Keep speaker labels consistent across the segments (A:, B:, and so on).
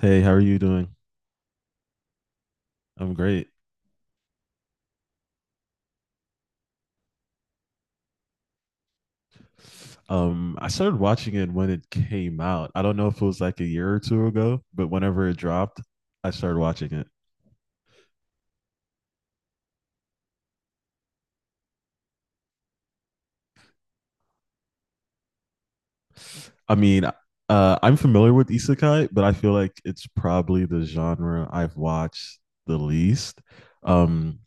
A: Hey, how are you doing? I'm great. I started watching it when it came out. I don't know if it was like a year or two ago, but whenever it dropped, I started watching it. I mean, I'm familiar with isekai, but I feel like it's probably the genre I've watched the least. Um,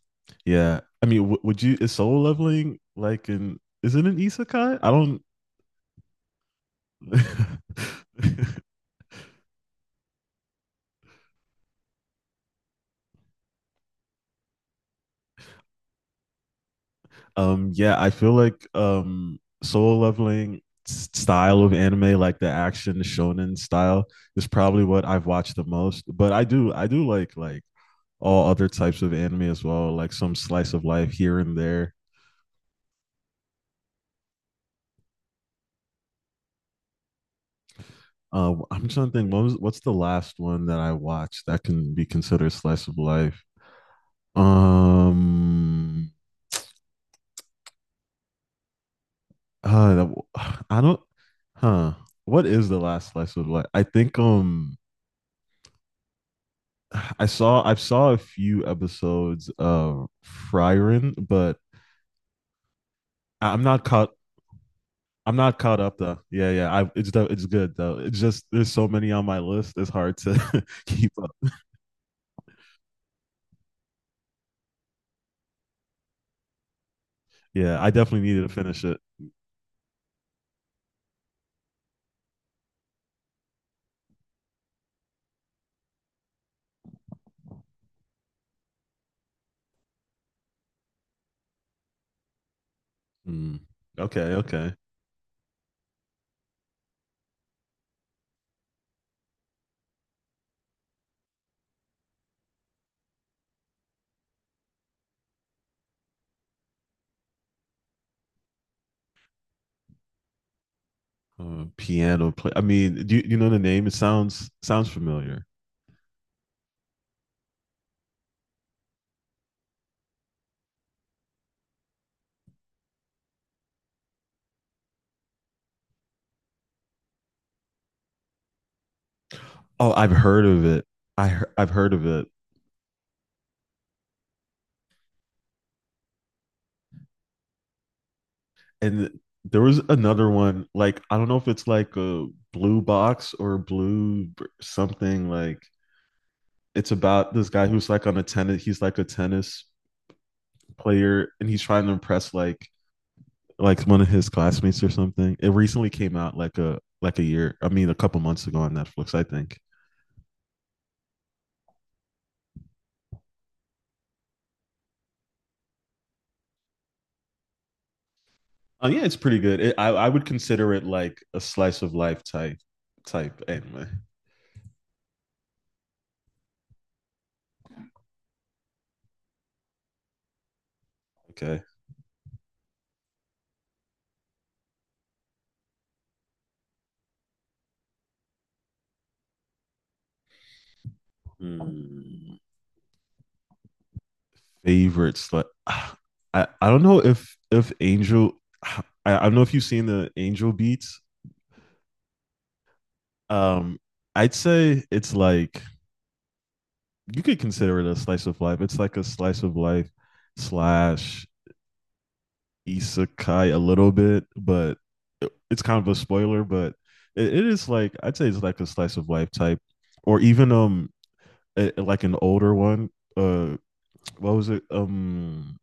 A: yeah. I mean, w would you, is Soul Leveling like an, is it an isekai? I don't. Yeah, I feel like Soul Leveling style of anime, like the action shonen style, is probably what I've watched the most. But I do like all other types of anime as well, like some slice of life here and there. I'm trying to think what's the last one that I watched that can be considered slice of life. Um, uh, that w- I don't, huh? What is the last slice of life? I think I saw a few episodes of Frieren, but I am not caught. I'm not caught up though. Yeah, yeah. I it's good though. It's just there's so many on my list. It's hard to keep up. Yeah, I definitely needed to finish it. Mm. Okay, okay. Piano play. I mean, you know the name? It sounds familiar. Oh, I've heard of it. I've heard of it. And there was another one. Like I don't know if it's like a blue box or something like it's about this guy who's like on a tennis he's like a tennis player, and he's trying to impress like one of his classmates or something. It recently came out like a year, I mean a couple months ago on Netflix, I think. Yeah, it's pretty good. It, I would consider it like a slice of life type anime. Okay. Hmm. Favorite slice. I don't know if Angel. I don't know if you've seen the Angel Beats. Um, I'd say it's like you could consider it a slice of life. It's like a slice of life slash isekai a little bit, but it's kind of a spoiler. But it is like I'd say it's like a slice of life type, or even like an older one. Uh, what was it? Um,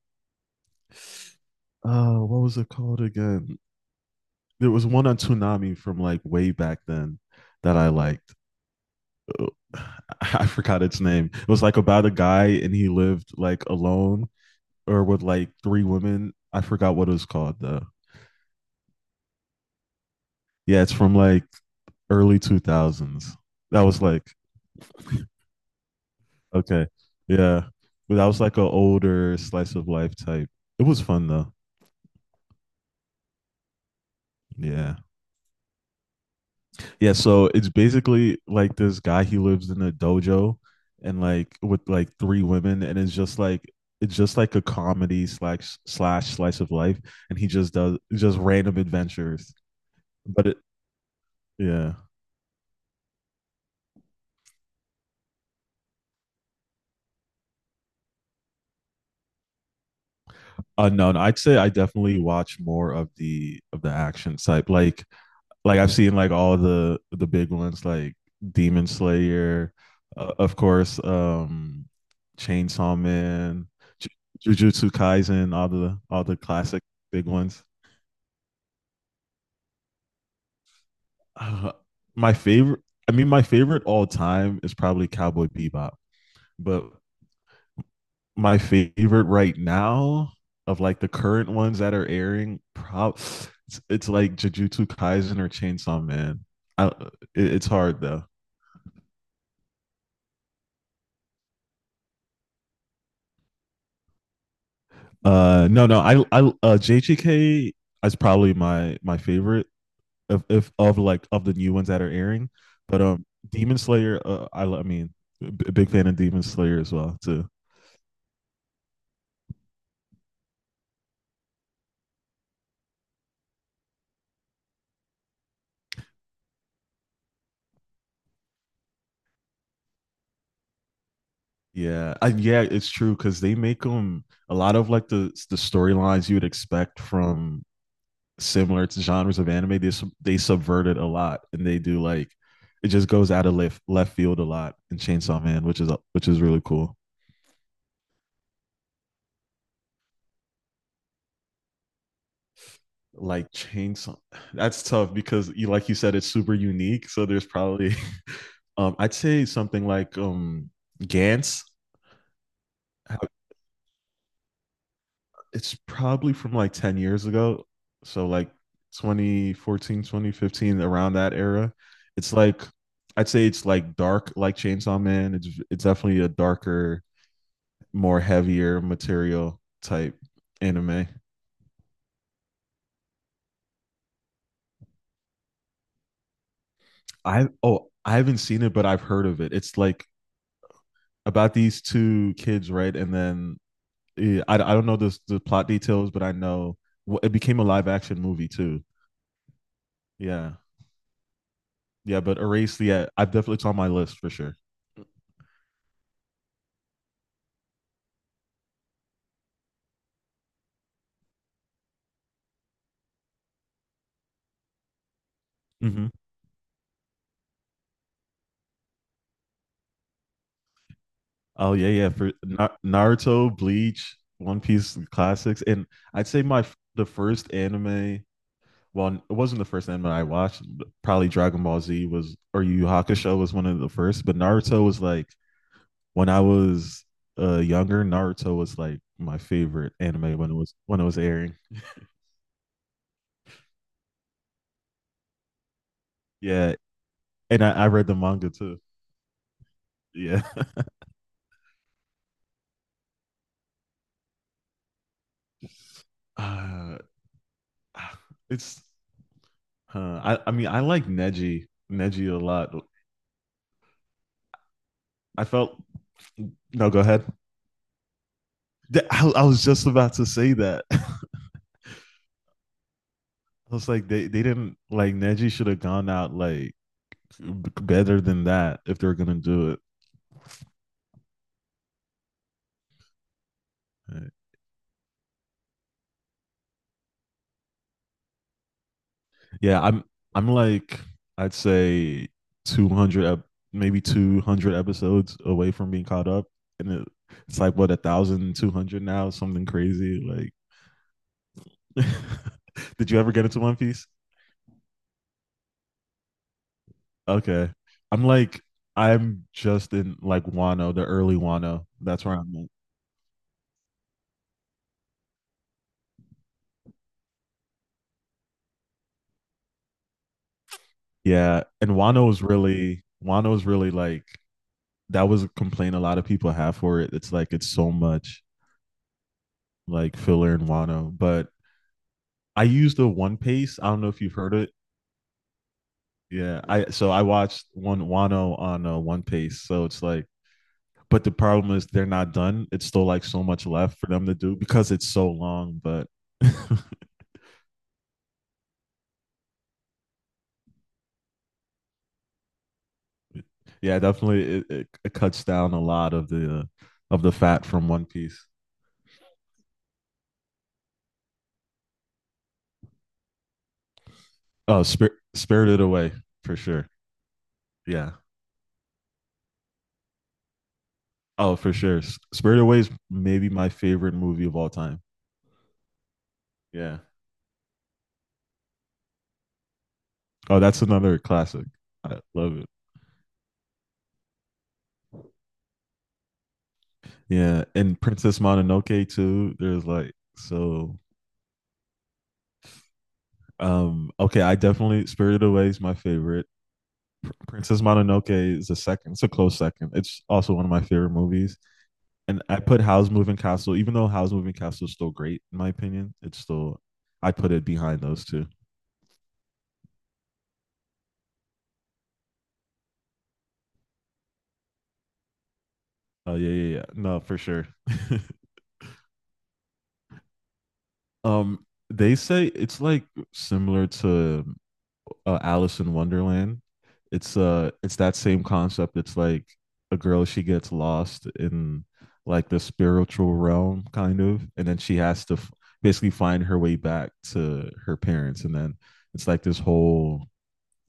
A: uh, what was it called again? There was one on Toonami from like way back then that I liked. I forgot its name. It was like about a guy, and he lived like alone or with like three women. I forgot what it was called though. Yeah, it's from like early 2000s. That was like okay. Yeah. But that was like an older slice of life type. It was fun though. Yeah. Yeah, so it's basically like this guy, he lives in a dojo and like with like three women, and it's just like a comedy slash slice of life, and he just does just random adventures. But it yeah. No, no, I'd say I definitely watch more of the action side. Like I've seen like all the big ones like Demon Slayer, of course, Chainsaw Man, Ju- Jujutsu Kaisen, all the classic big ones. Uh, my favorite, I mean, my favorite all time is probably Cowboy Bebop, but my favorite right now of like the current ones that are airing, it's like Jujutsu Kaisen or Chainsaw Man. I, it's hard though. No, no, JGK is probably my favorite of if of like of the new ones that are airing. But Demon Slayer, I mean, a big fan of Demon Slayer as well too. Yeah, yeah, it's true because they make them a lot of like the storylines you would expect from similar to genres of anime. They subvert it a lot, and they do like it just goes out of left field a lot in Chainsaw Man, which is really cool. like chainsaw That's tough because you like you said it's super unique, so there's probably I'd say something like Gantz. It's probably from like 10 years ago, so like 2014, 2015, around that era. It's like i'd say it's like dark, like Chainsaw Man. It's definitely a darker, more heavier material type anime. I Oh, I haven't seen it, but I've heard of it. It's like about these two kids, right? And then yeah, I don't know the plot details, but I know. Well, it became a live action movie too. Yeah, yeah, but Erase, yeah, I definitely it's on my list for sure. Hmm. Oh yeah, yeah, for Naruto, Bleach, One Piece classics, and I'd say the first anime. Well, it wasn't the first anime I watched. But probably Dragon Ball Z was, or Yu Yu Hakusho was one of the first, but Naruto was like when I was younger. Naruto was like my favorite anime when it was airing. Yeah, and I read the manga too. Yeah, uh, it's. I mean I like Neji a lot. I felt No. Go ahead. I was just about to say that. I was like they didn't, like, Neji should have gone out like better than that if they're gonna do it. Yeah, I'm like I'd say 200, maybe 200 episodes away from being caught up, and it's like, what, 1,200 now, something crazy like Did you ever get into One Piece? Okay. I'm like, I'm just in like Wano, the early Wano. That's where I'm at. Yeah. And Wano is really like, that was a complaint a lot of people have for it. It's like, it's so much like filler in Wano. But I used the One Piece. I don't know if you've heard it. Yeah. So I watched one Wano on One Piece. So it's like, but the problem is they're not done. It's still like so much left for them to do because it's so long, but yeah, definitely. It cuts down a lot of the fat from One Piece. Oh, Spirited Away for sure. Yeah. Oh, for sure. Spirited Away is maybe my favorite movie of all time. Yeah. Oh, that's another classic. I love it. Yeah, and Princess Mononoke too. There's like so. Okay, I definitely Spirited Away is my favorite. Princess Mononoke is a second. It's a close second. It's also one of my favorite movies. And I put How's Moving Castle, even though How's Moving Castle is still great in my opinion, it's still I put it behind those two. Oh yeah, yeah, yeah. No, for sure. They say it's like similar to Alice in Wonderland. It's that same concept. It's like a girl, she gets lost in like the spiritual realm, kind of, and then she has to basically find her way back to her parents, and then it's like this whole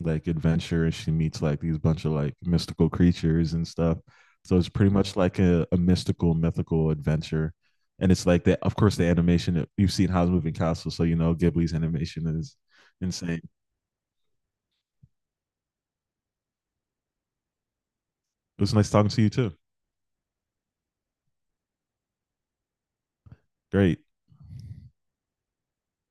A: like adventure, and she meets like these bunch of like mystical creatures and stuff. So it's pretty much like a mystical, mythical adventure. And it's like that, of course, the animation, you've seen Howl's Moving Castle, so, Ghibli's animation is insane. It was nice talking to you too. Great.